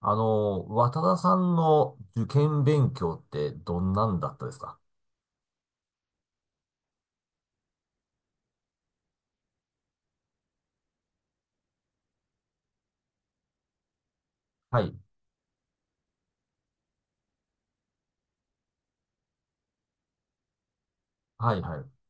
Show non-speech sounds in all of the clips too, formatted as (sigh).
渡田さんの受験勉強ってどんなんだったですか？はい。はい、はい。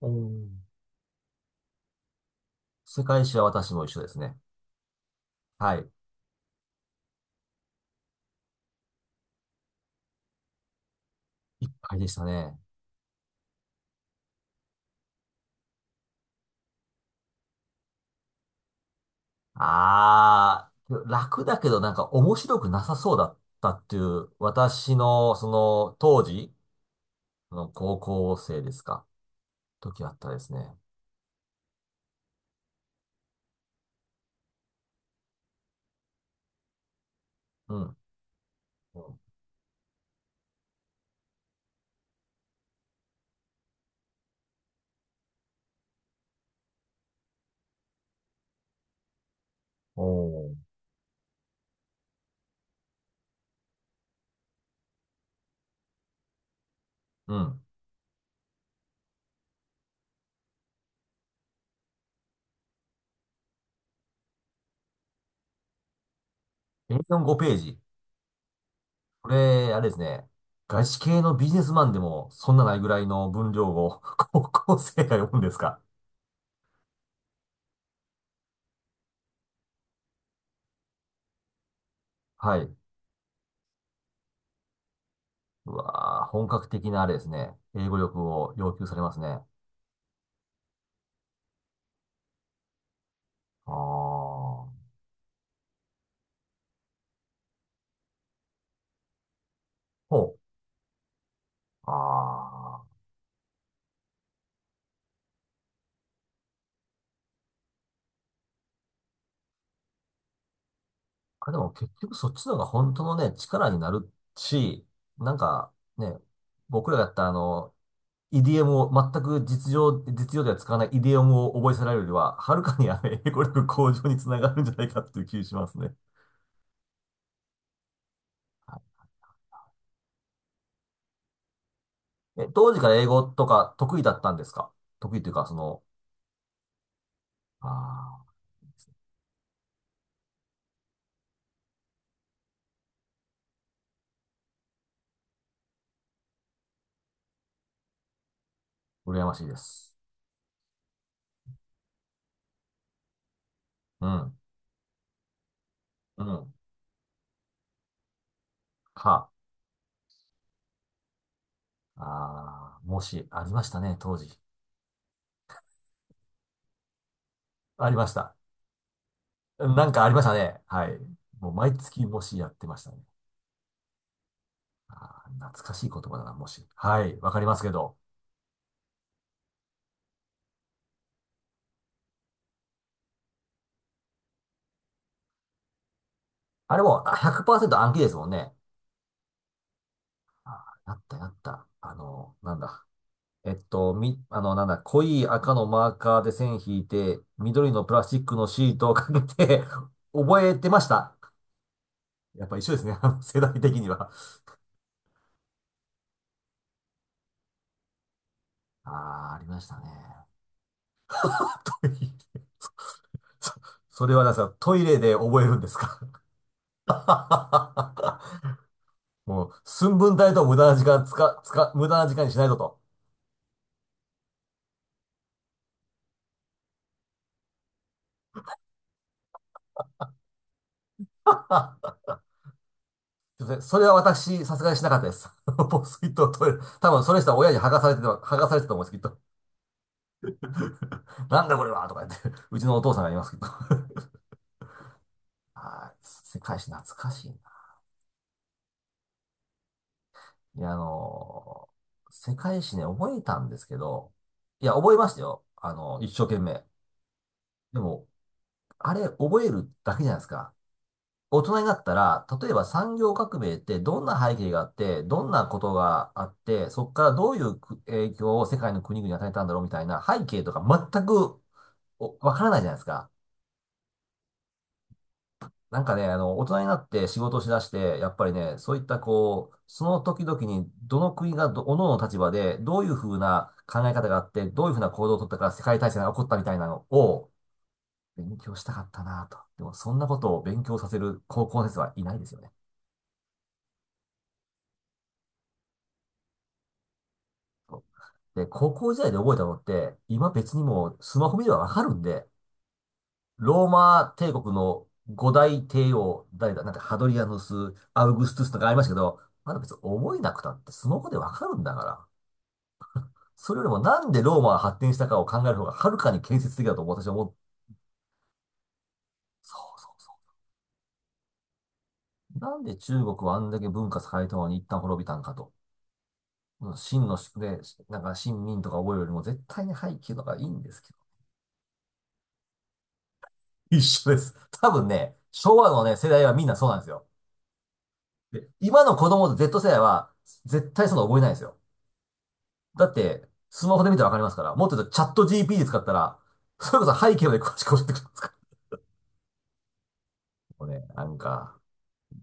おー。世界史は私も一緒ですね。はい。いっぱいでしたね。あー、楽だけどなんか面白くなさそうだったっていう、私のその当時の高校生ですか？時あったですね。うん。おー。うん。A4 5 ページ。これ、あれですね。外資系のビジネスマンでも、そんなないぐらいの分量を (laughs) 高校生が読むんですか？はい。うわー、本格的なあれですね。英語力を要求されますね。ああ。ほう。ああ。あ、でも結局そっちの方が本当のね、力になるし、なんかね、僕らがやったイディオムを、全く実情、実用では使わないイディオムを覚えさせられるよりは、はるかにあの英語力向上につながるんじゃないかっていう気がしますね。え、当時から英語とか得意だったんですか？得意というか、ああ、羨ましいです。うん、うん、は、ああ、もし、ありましたね、当時。ありました。なんかありましたね。はい。もう毎月もしやってましたね。ああ、懐かしい言葉だな、もし。はい、わかりますけど。あれもあ100%暗記ですもんね。ああ、やったやった。なんだ。み、なんだ、濃い赤のマーカーで線引いて、緑のプラスチックのシートをかけて (laughs) 覚えてました。やっぱ一緒ですね。あの世代的には。ああ、ありましたね。(laughs) トイレ。そ、そそれはなんですか、トイレで覚えるんですか？ (laughs) もう、寸分たりとも無駄な時間つか、つか、無駄な時間にしないぞと。(laughs) あ、すいません。それは私、さすがにしなかったです。(laughs) 防水とトイレ、多分それしたら親に剥がされてた、剥がされてたと思うんです、きっと。(laughs) なんだこれはとか言って、うちのお父さんが言いますけど。(laughs) はい、世界史懐かしいな。いや、世界史ね、覚えたんですけど、いや、覚えましたよ。一生懸命。でも、あれ、覚えるだけじゃないですか。大人になったら、例えば産業革命ってどんな背景があって、どんなことがあって、そこからどういう影響を世界の国々に与えたんだろうみたいな背景とか全くわからないじゃないですか。なんかね、大人になって仕事をしだして、やっぱりね、そういったこう、その時々にどの国が各々の立場で、どういうふうな考え方があって、どういうふうな行動を取ったから世界大戦が起こったみたいなのを勉強したかったなと。でも、そんなことを勉強させる高校の先生はいないですよね。で、高校時代で覚えたのって、今別にもうスマホ見ればわかるんで、ローマ帝国の五大帝王、誰だ、なんかハドリアヌス、アウグストゥスとかありましたけど、まだ別に覚えなくたってスマホでわかるんだから。それよりもなんでローマが発展したかを考える方がはるかに建設的だと私は思う。そうそう。なんで中国はあんだけ文化栄えたのに一旦滅びたんかと。秦の宿で、なんか秦民とか覚えるよりも絶対に廃棄とかいいんですけど。一緒です。多分ね、昭和のね、世代はみんなそうなんですよ。で、今の子供と Z 世代は絶対そんなの覚えないですよ。だって、スマホで見たらわかりますから、もっと言うとチャット GP で使ったら、それこそ背景まで詳しく教えてくれますから。もうね、なんか、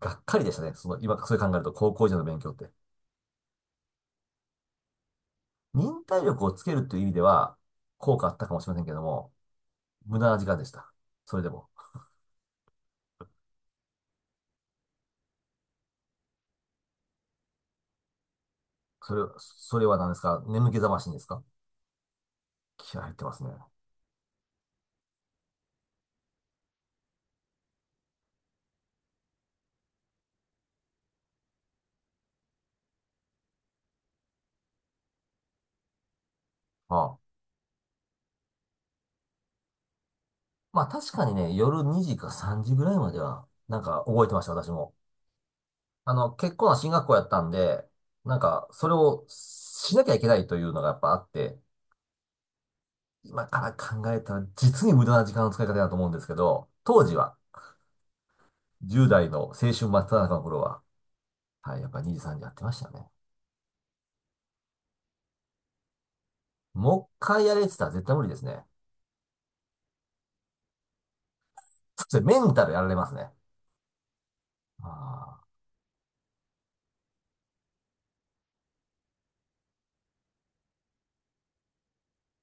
がっかりでしたね。今、それ考えると高校時代の勉強って。忍耐力をつけるという意味では、効果あったかもしれませんけども、無駄な時間でした。それでも。それは何ですか？眠気覚ましにですか？気合入ってますね。ああ。まあ確かにね、夜2時か3時ぐらいまでは、なんか覚えてました、私も。結構な進学校やったんで、なんか、それをしなきゃいけないというのがやっぱあって、今から考えたら実に無駄な時間の使い方だと思うんですけど、当時は、10代の青春真っ只中の頃は、はい、やっぱ2時3時やってましたね。もう一回やれって言ったら絶対無理ですね。それメンタルやられますね。あー、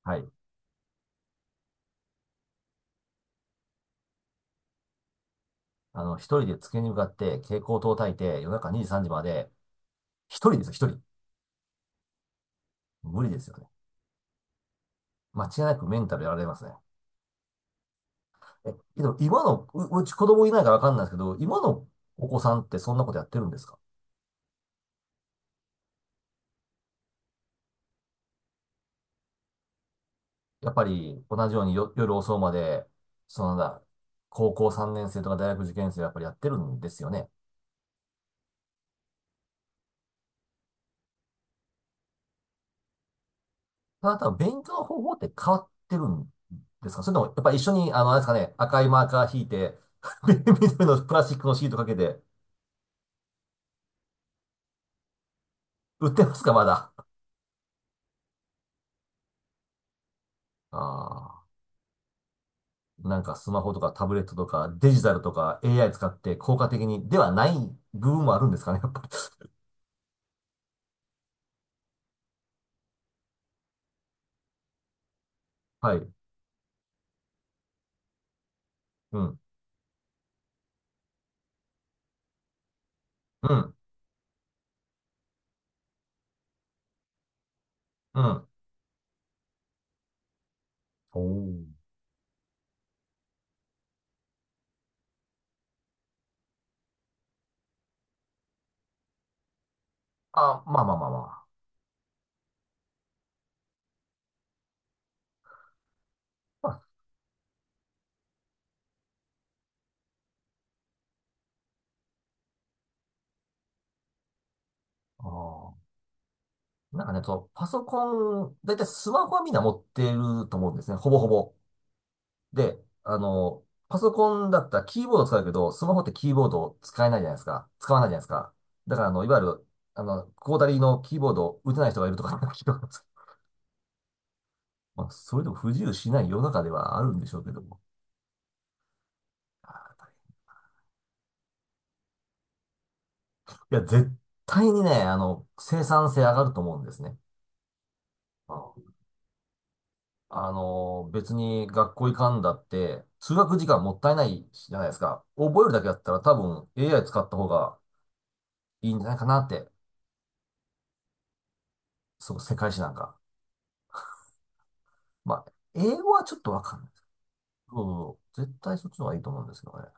はい。一人で机に向かって蛍光灯を焚いて夜中2時3時まで、一人ですよ、一人。無理ですよね。間違いなくメンタルやられますね。え、けど今の、うち子供いないからわかんないですけど、今のお子さんってそんなことやってるんですか？やっぱり同じようによ夜遅うまで、なんだ、高校3年生とか大学受験生はやっぱりやってるんですよね。ただ、勉強の方法って変わってるんですか？それとも、やっぱり一緒に、あれですかね、赤いマーカー引いて、(laughs) 緑のプラスチックのシートかけて、売ってますか、まだ。ああ、なんかスマホとかタブレットとかデジタルとか AI 使って効果的にではない部分もあるんですかね、やっぱり。(laughs) はい。うん、うん、うん。おー、あ、まあまあまあまあ。まあ、あーなんかね、そう、パソコン、だいたいスマホはみんな持ってると思うんですね、ほぼほぼ。で、パソコンだったらキーボード使うけど、スマホってキーボード使えないじゃないですか。使わないじゃないですか。だから、いわゆる、クォータリーのキーボードを打てない人がいるとか、(laughs) 聞いたことあるんですまあ、それでも不自由しない世の中ではあるんでしょうけども。あー、大変いや、絶対にね、生産性上がると思うんですね。うん。別に学校行かんだって、通学時間もったいないじゃないですか。覚えるだけだったら多分 AI 使った方がいいんじゃないかなって、そう、世界史なんか。まあ、英語はちょっとわかんないですけど、絶対そっちの方がいいと思うんですけどね。